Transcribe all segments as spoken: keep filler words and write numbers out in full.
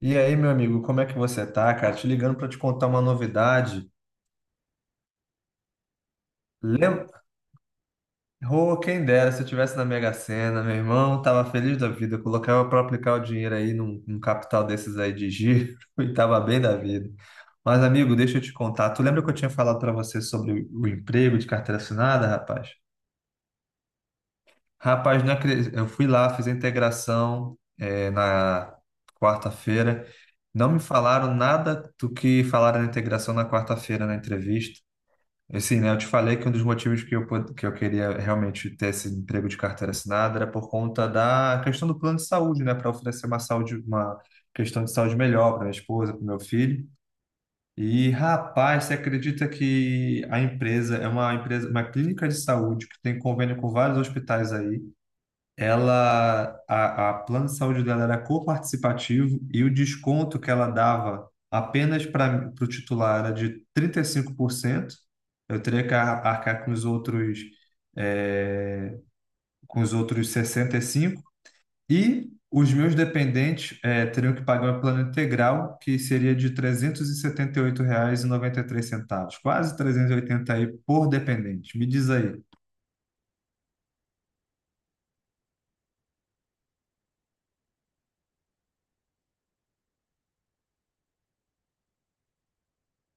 E aí, meu amigo, como é que você tá, cara? Te ligando para te contar uma novidade. Lem... Oh, quem dera se eu tivesse na Mega Sena, meu irmão, tava feliz da vida, colocava para aplicar o dinheiro aí num, num capital desses aí de giro e tava bem da vida. Mas, amigo, deixa eu te contar. Tu lembra que eu tinha falado para você sobre o emprego de carteira assinada, rapaz? Rapaz, não acre- eu fui lá, fiz a integração eh, na quarta-feira. Não me falaram nada do que falaram na integração na quarta-feira na entrevista. Assim, né, eu te falei que um dos motivos que eu, pod- que eu queria realmente ter esse emprego de carteira assinada era por conta da questão do plano de saúde, né, para oferecer uma saúde, uma questão de saúde melhor para minha esposa, para o meu filho. E, rapaz, você acredita que a empresa é uma empresa, uma clínica de saúde que tem convênio com vários hospitais aí ela a, a plano de saúde dela era coparticipativo e o desconto que ela dava apenas para o titular era de trinta e cinco por cento. Eu teria que ar- arcar com os outros eh, com os outros sessenta e cinco por cento. E os meus dependentes eh, teriam que pagar um plano integral que seria de trezentos e e e e setenta oito reais e noventa e três centavos, quase trezentos e oitenta aí por dependente. Me diz aí.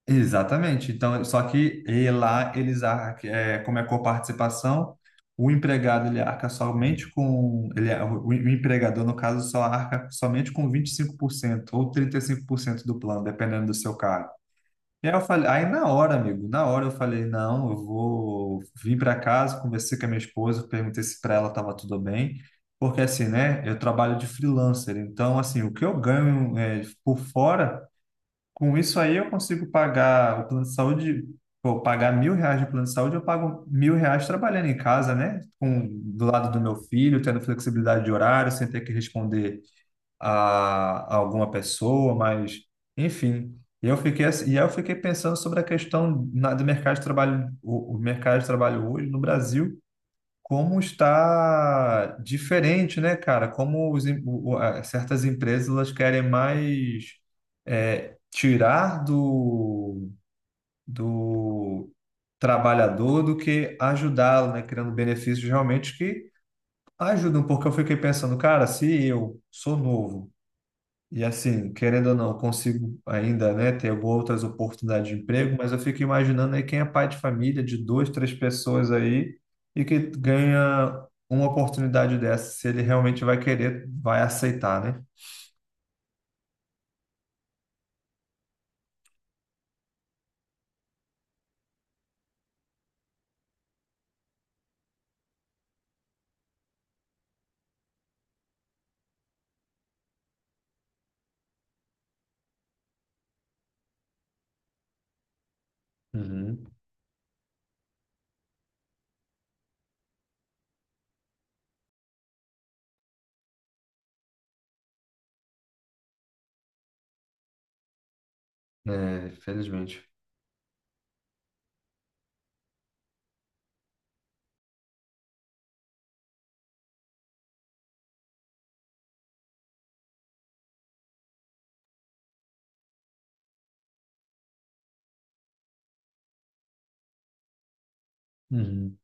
Exatamente. Então, só que e lá eles arcam, é, como é coparticipação, o empregado ele arca somente com, ele, é, o, o empregador, no caso, só arca somente com vinte e cinco por cento ou trinta e cinco por cento do plano, dependendo do seu cargo. E aí eu falei, aí na hora, amigo, na hora eu falei, não, eu vou vir para casa, conversei com a minha esposa, perguntei se para ela estava tudo bem, porque assim, né, eu trabalho de freelancer, então assim, o que eu ganho é, por fora, com isso aí eu consigo pagar o plano de saúde, pô, pagar mil reais de plano de saúde, eu pago mil reais trabalhando em casa, né? Com, do lado do meu filho, tendo flexibilidade de horário, sem ter que responder a, a alguma pessoa, mas enfim. E eu fiquei, assim- e aí eu fiquei pensando sobre a questão na- do mercado de trabalho, o, o mercado de trabalho hoje no Brasil como está diferente, né, cara? Como os em- o- o- a- certas empresas elas querem mais, é, tirar do, do trabalhador do que ajudá-lo, né? Criando benefícios realmente que ajudam, porque eu fiquei pensando, cara, se eu sou novo e assim, querendo ou não, eu consigo ainda, né, ter outras oportunidades de emprego, mas eu fico imaginando aí quem é pai de família de duas, três pessoas aí e que ganha uma oportunidade dessa, se ele realmente vai querer, vai aceitar, né? Uhum. É, felizmente. Uhum.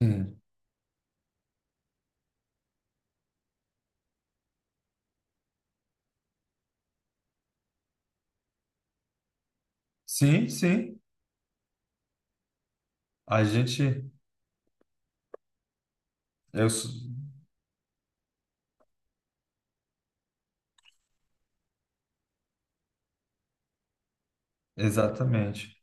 Hum. Sim, sim. A gente, eu, sou- exatamente.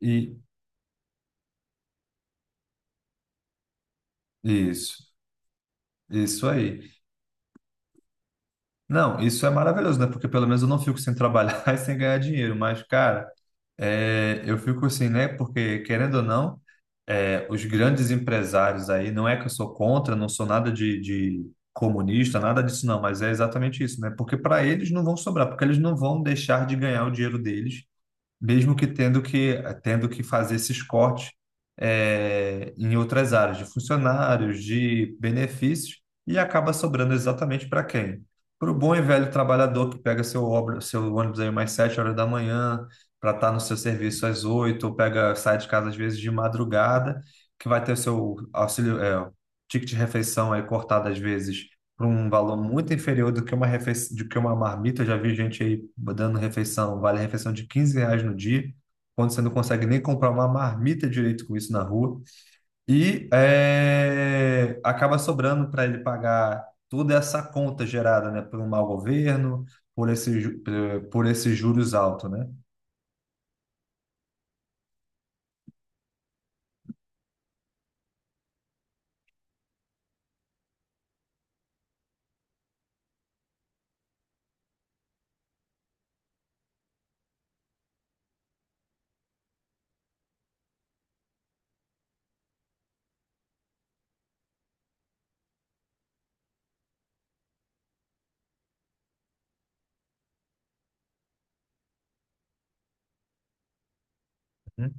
E isso, isso aí. Não, isso é maravilhoso, né? Porque pelo menos eu não fico sem trabalhar e sem ganhar dinheiro, mas, cara. É, eu fico assim, né? Porque, querendo ou não, é, os grandes empresários aí, não é que eu sou contra, não sou nada de, de comunista, nada disso não, mas é exatamente isso, né? Porque para eles não vão sobrar, porque eles não vão deixar de ganhar o dinheiro deles mesmo que tendo que tendo que fazer esses cortes, é, em outras áreas de funcionários, de benefícios, e acaba sobrando exatamente para quem? Para o bom e velho trabalhador que pega seu, obra, seu ônibus aí mais sete horas da manhã para estar no seu serviço às oito, ou pega, sai de casa às vezes de madrugada, que vai ter o seu auxílio, é, ticket de refeição aí cortado às vezes por um valor muito inferior do que uma refeição, do que uma marmita. Eu já vi gente aí dando refeição, vale refeição de quinze reais no dia, quando você não consegue nem comprar uma marmita direito com isso na rua. E eh, acaba sobrando para ele pagar toda essa conta gerada, né, por um mau governo, por esse, ju- por esses juros altos, né? Uhum.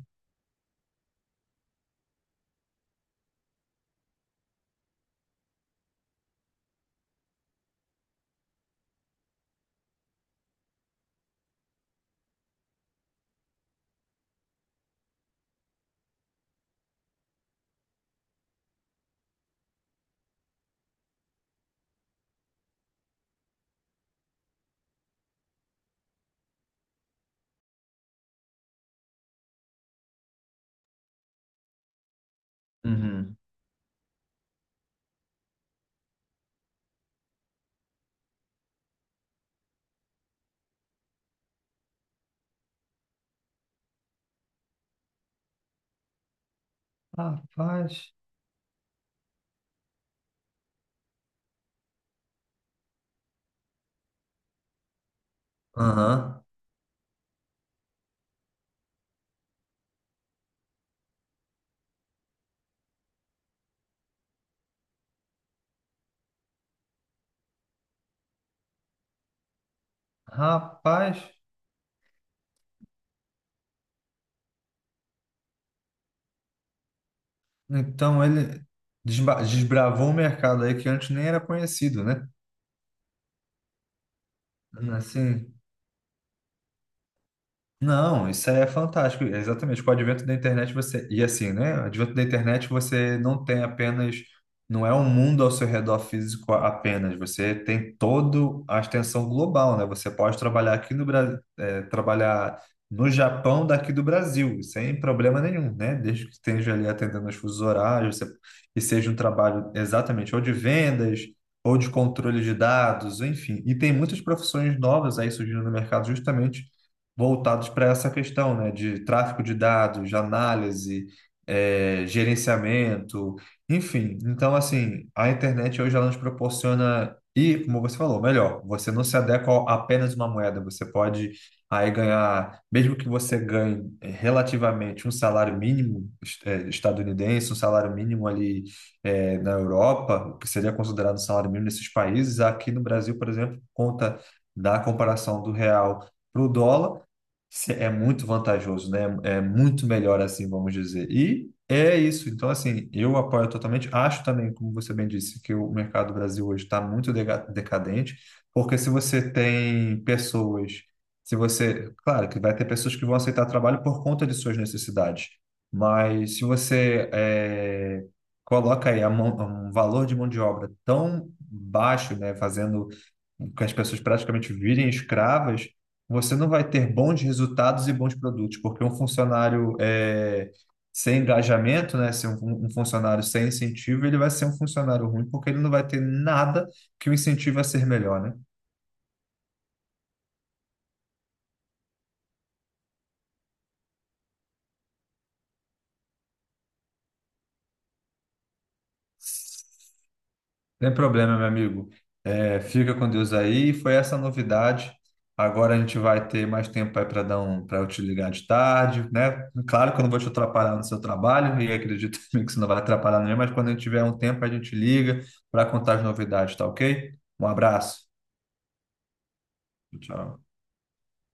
Uhum. Rapaz. Aham. Rapaz. Então ele desba- desbravou um mercado aí que antes nem era conhecido, né? Assim, não, isso é fantástico. É, exatamente. Com o advento da internet você. E assim, né? O advento da internet você não tem apenas. Não é um mundo ao seu redor físico apenas. Você tem toda a extensão global, né? Você pode trabalhar aqui no Brasil, trabalhar no Japão daqui do Brasil, sem problema nenhum, né? Desde que esteja ali atendendo os fusos horários, você... e seja um trabalho exatamente ou de vendas, ou de controle de dados, enfim. E tem muitas profissões novas aí surgindo no mercado justamente voltados para essa questão, né, de tráfego de dados, de análise, eh, gerenciamento, enfim. Então, assim, a internet hoje ela nos proporciona, e como você falou, melhor, você não se adequa a apenas uma moeda, você pode aí ganhar, mesmo que você ganhe eh, relativamente um salário mínimo es- eh, estadunidense, um salário mínimo ali eh, na Europa, o que seria considerado um salário mínimo nesses países, aqui no Brasil, por exemplo, por conta da comparação do real para o dólar, se- É muito vantajoso, né? É muito melhor assim, vamos dizer. E é isso. Então, assim, eu apoio totalmente. Acho também, como você bem disse, que o mercado do Brasil hoje está muito dega- decadente, porque se você tem pessoas, se você, claro, que vai ter pessoas que vão aceitar trabalho por conta de suas necessidades, mas se você eh, coloca aí a mão- um valor de mão de obra tão baixo, né, fazendo que as pessoas praticamente virem escravas, você não vai ter bons resultados e bons produtos, porque um funcionário eh, sem engajamento, né, ser um, um funcionário sem incentivo, ele vai ser um funcionário ruim, porque ele não vai ter nada que o incentive a ser melhor, né? Tem problema, meu amigo. É, fica com Deus aí. Foi essa a novidade. Agora a gente vai ter mais tempo aí para dar um, para eu te ligar de tarde, né? Claro que eu não vou te atrapalhar no seu trabalho e acredito também que você não vai atrapalhar ninguém, mas quando a gente tiver um tempo a gente liga para contar as novidades, tá ok? Um abraço. Tchau.